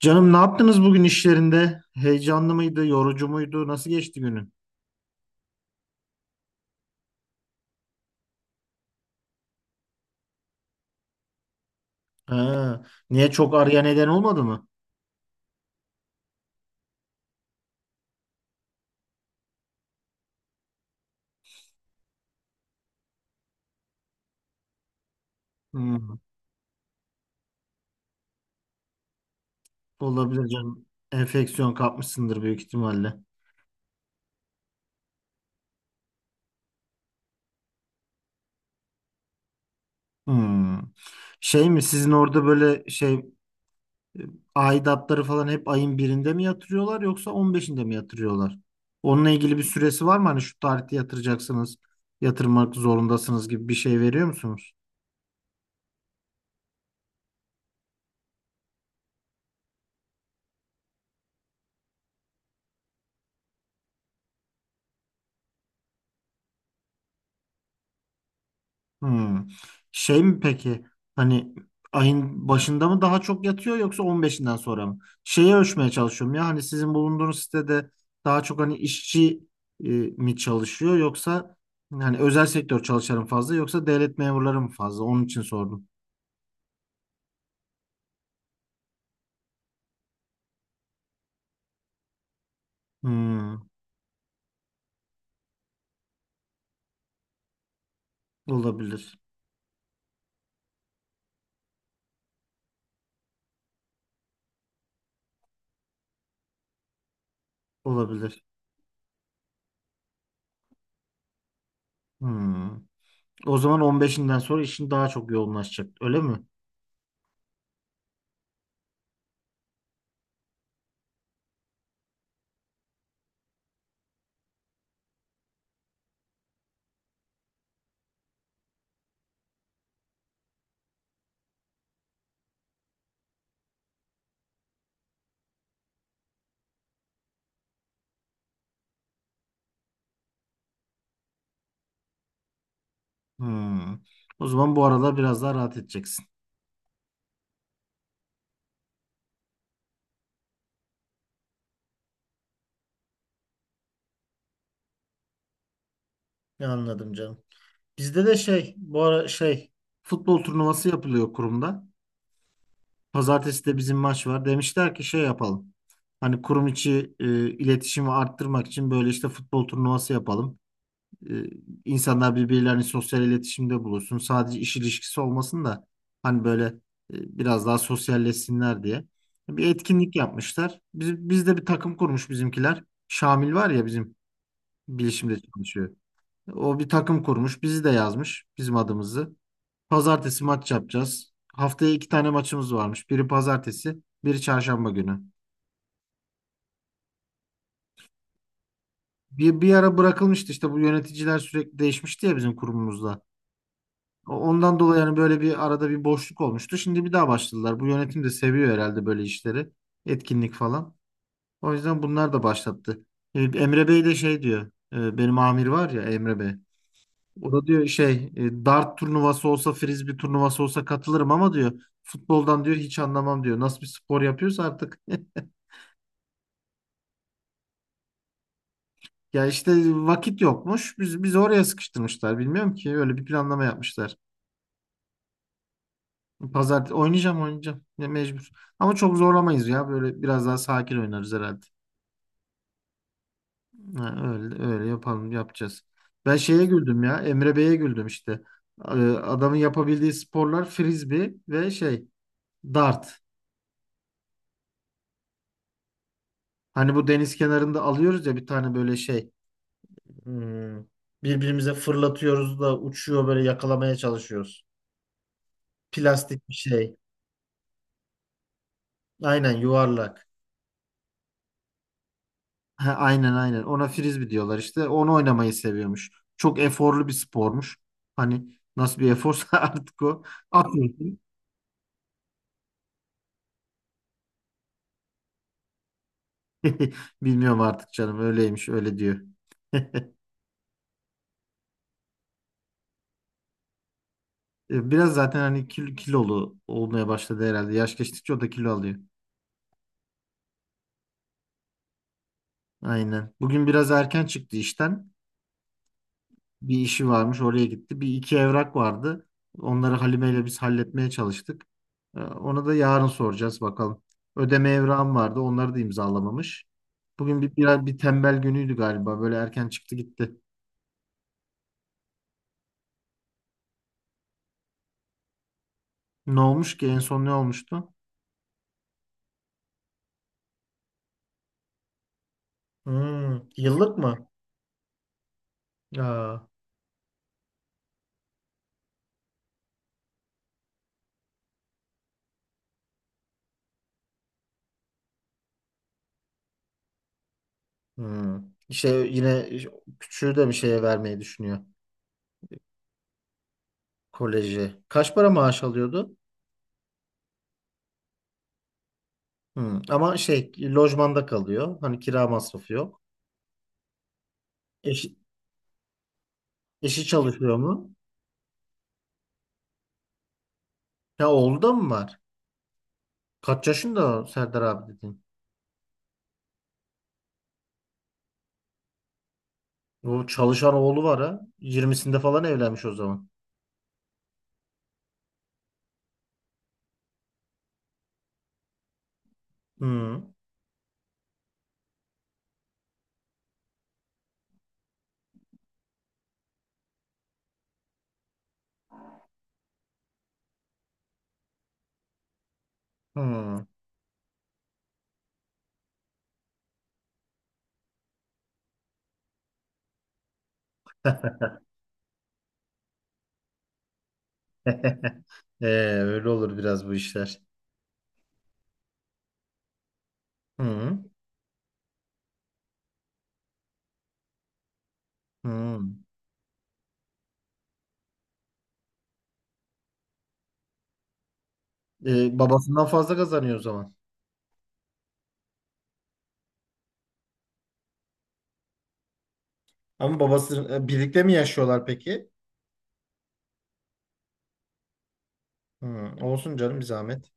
Canım ne yaptınız bugün işlerinde? Heyecanlı mıydı, yorucu muydu? Nasıl geçti günün? Ha, niye çok ağrıya neden olmadı mı? Hmm, olabilir canım. Enfeksiyon kapmışsındır büyük ihtimalle. Hmm. Şey mi sizin orada böyle şey e, aidatları falan hep ayın birinde mi yatırıyorlar yoksa on beşinde mi yatırıyorlar? Onunla ilgili bir süresi var mı? Hani şu tarihte yatıracaksınız, yatırmak zorundasınız gibi bir şey veriyor musunuz? Hmm. Şey mi peki hani ayın başında mı daha çok yatıyor yoksa 15'inden sonra mı? Şeyi ölçmeye çalışıyorum ya hani sizin bulunduğunuz sitede daha çok hani işçi mi çalışıyor yoksa hani özel sektör çalışanı mı fazla yoksa devlet memurları mı fazla? Onun için sordum. Hmm. Olabilir. Olabilir. Hmm. O zaman 15'inden sonra işin daha çok yoğunlaşacak öyle mi? Hmm. O zaman bu aralar biraz daha rahat edeceksin. Ya, anladım canım. Bizde de şey bu ara şey futbol turnuvası yapılıyor kurumda. Pazartesi de bizim maç var. Demişler ki şey yapalım. Hani kurum içi iletişimi arttırmak için böyle işte futbol turnuvası yapalım. E, insanlar birbirlerini sosyal iletişimde bulursun. Sadece iş ilişkisi olmasın da hani böyle biraz daha sosyalleşsinler diye. Bir etkinlik yapmışlar. Biz de bir takım kurmuş bizimkiler. Şamil var ya bizim bilişimde çalışıyor. O bir takım kurmuş. Bizi de yazmış bizim adımızı. Pazartesi maç yapacağız. Haftaya iki tane maçımız varmış. Biri pazartesi, biri çarşamba günü. Bir ara bırakılmıştı işte bu yöneticiler sürekli değişmişti ya bizim kurumumuzda. Ondan dolayı yani böyle bir arada bir boşluk olmuştu. Şimdi bir daha başladılar. Bu yönetim de seviyor herhalde böyle işleri. Etkinlik falan. O yüzden bunlar da başlattı. Emre Bey de şey diyor. Benim amir var ya Emre Bey. O da diyor şey dart turnuvası olsa frisbee turnuvası olsa katılırım ama diyor futboldan diyor hiç anlamam diyor. Nasıl bir spor yapıyorsa artık. Ya işte vakit yokmuş. Biz oraya sıkıştırmışlar. Bilmiyorum ki öyle bir planlama yapmışlar. Pazartesi oynayacağım oynayacağım. Ya mecbur. Ama çok zorlamayız ya. Böyle biraz daha sakin oynarız herhalde. Ha, öyle öyle yapalım yapacağız. Ben şeye güldüm ya. Emre Bey'e güldüm işte. Adamın yapabildiği sporlar frisbee ve şey dart. Hani bu deniz kenarında alıyoruz ya bir tane böyle şey. Hmm, Birbirimize fırlatıyoruz da uçuyor böyle yakalamaya çalışıyoruz. Plastik bir şey. Aynen yuvarlak. Ha, aynen aynen. Ona frisbee diyorlar işte. Onu oynamayı seviyormuş. Çok eforlu bir spormuş. Hani nasıl bir eforsa artık o. Atıyorsun. Bilmiyorum artık canım. Öyleymiş, öyle diyor. Biraz zaten hani kilolu olmaya başladı herhalde. Yaş geçtikçe o da kilo alıyor. Aynen. Bugün biraz erken çıktı işten. Bir işi varmış oraya gitti. Bir iki evrak vardı. Onları Halime ile biz halletmeye çalıştık. Ona da yarın soracağız bakalım. Ödeme evrağım vardı. Onları da imzalamamış. Bugün biraz bir tembel günüydü galiba. Böyle erken çıktı gitti. Ne olmuş ki? En son ne olmuştu? Hmm, yıllık mı? Aa. Hmm. İşte yine küçüğü de bir şeye vermeyi düşünüyor. Koleji. Kaç para maaş alıyordu? Hmm. Ama şey lojmanda kalıyor. Hani kira masrafı yok. Eşi, eşi çalışıyor mu? Ya oğlu da mı var? Kaç yaşında o Serdar abi dedin? O çalışan oğlu var ha. Yirmisinde falan evlenmiş o zaman. Hı. Hı. Ee, Öyle olur biraz bu işler. Hı. Hı. Babasından fazla kazanıyor o zaman. Ama babası birlikte mi yaşıyorlar peki? Hı. Olsun canım bir zahmet.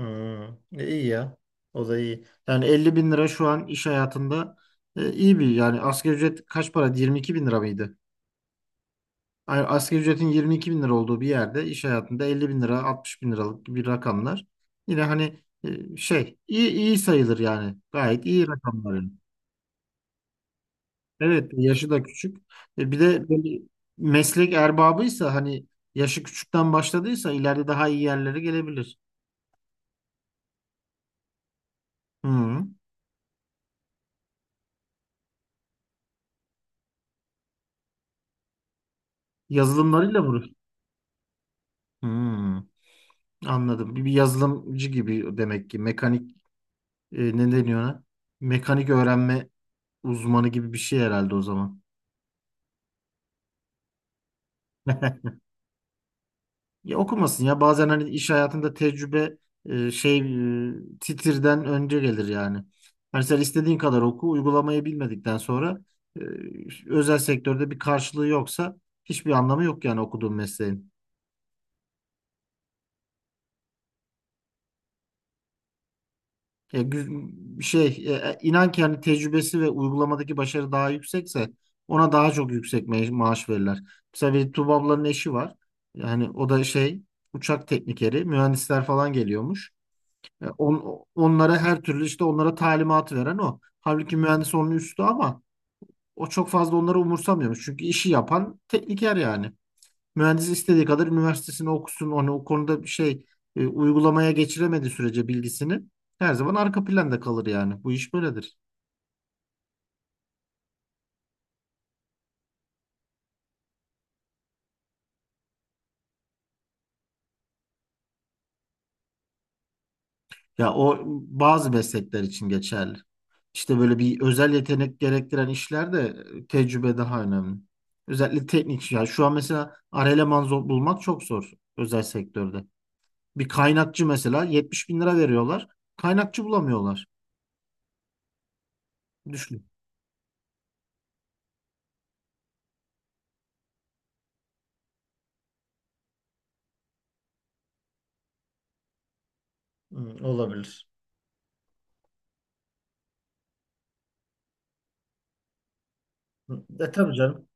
Hı. İyi ya. O da iyi. Yani 50 bin lira şu an iş hayatında iyi bir yani asgari ücret kaç para? 22 bin lira mıydı? Asgari ücretin 22 bin lira olduğu bir yerde iş hayatında 50 bin lira 60 bin liralık gibi rakamlar yine hani şey iyi, iyi sayılır yani gayet iyi rakamlar, yani. Evet yaşı da küçük. Bir de böyle meslek erbabıysa hani yaşı küçükten başladıysa ileride daha iyi yerlere gelebilir. Hı. Yazılımlarıyla vurur. Hı. Anladım. Bir yazılımcı gibi demek ki mekanik ne deniyor ona? Mekanik öğrenme uzmanı gibi bir şey herhalde o zaman. Ya okumasın ya bazen hani iş hayatında tecrübe şey e, titirden önce gelir yani. Hani sen istediğin kadar oku uygulamayı bilmedikten sonra e, özel sektörde bir karşılığı yoksa hiçbir anlamı yok yani okuduğun mesleğin. Şey inan ki hani tecrübesi ve uygulamadaki başarı daha yüksekse ona daha çok yüksek maaş verirler. Mesela bir Tuğba ablanın eşi var. Yani o da şey uçak teknikeri mühendisler falan geliyormuş. Onlara her türlü işte onlara talimat veren o. Halbuki mühendis onun üstü ama o çok fazla onları umursamıyormuş. Çünkü işi yapan tekniker yani. Mühendis istediği kadar üniversitesini okusun. Onu o konuda bir şey uygulamaya geçiremediği sürece bilgisini her zaman arka planda kalır yani. Bu iş böyledir. Ya o bazı meslekler için geçerli. İşte böyle bir özel yetenek gerektiren işlerde tecrübe daha önemli. Özellikle teknik. Yani şu an mesela ar eleman bulmak çok zor özel sektörde. Bir kaynakçı mesela 70 bin lira veriyorlar. Kaynakçı bulamıyorlar. Düşün. Hmm, olabilir. Hmm. Tabii canım.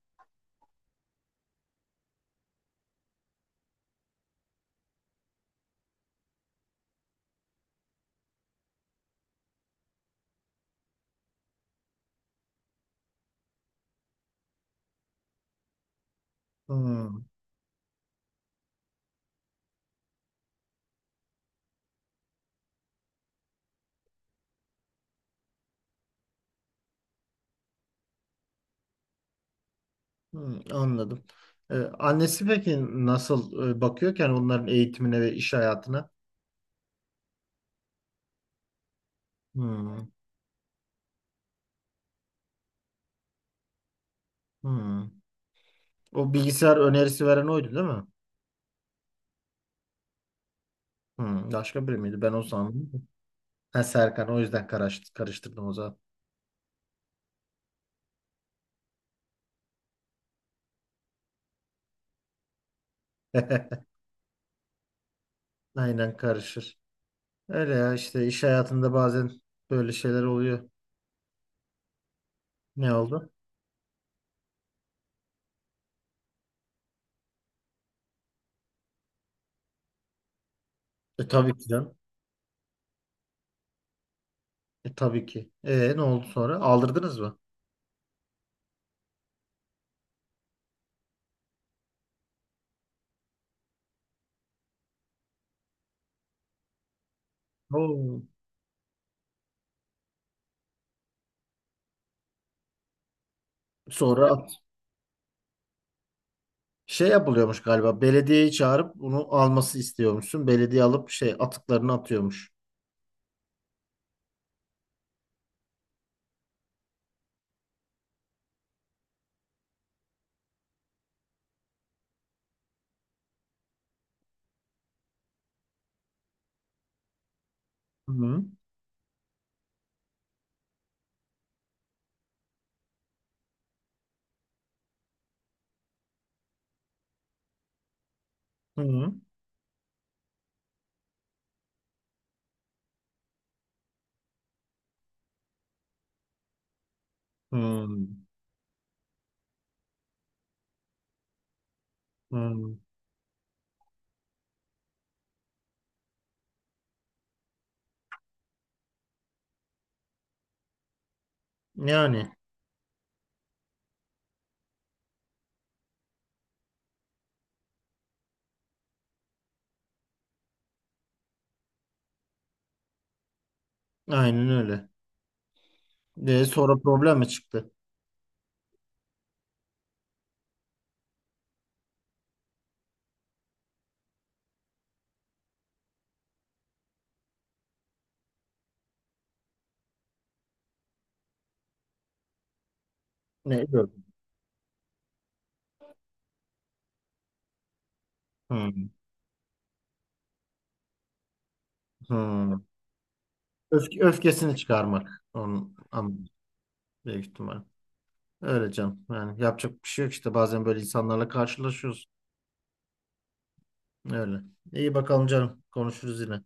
Hmm, Anladım. Annesi peki nasıl bakıyor ki yani onların eğitimine ve iş hayatına? Hmm, hmm. O bilgisayar önerisi veren oydu değil mi? Hmm, başka biri miydi? Ben o sandım. Ha Serkan o yüzden karıştırdım o zaman. Aynen karışır. Öyle ya işte iş hayatında bazen böyle şeyler oluyor. Ne oldu? Tabii ki canım. Tabii ki. Ne oldu sonra? Aldırdınız mı? Oo. Sonra şey yapılıyormuş galiba. Belediyeyi çağırıp bunu alması istiyormuşsun. Belediye alıp şey atıklarını atıyormuş. Hı. Hı. Hı. Hı. Yani aynen öyle. Sonra problem mi çıktı? Ne? Yok. Hı. Hı. Öfkesini çıkarmak. Onun, ama büyük ihtimal. Öyle canım. Yani yapacak bir şey yok işte. Bazen böyle insanlarla karşılaşıyoruz. Öyle. İyi bakalım canım. Konuşuruz yine.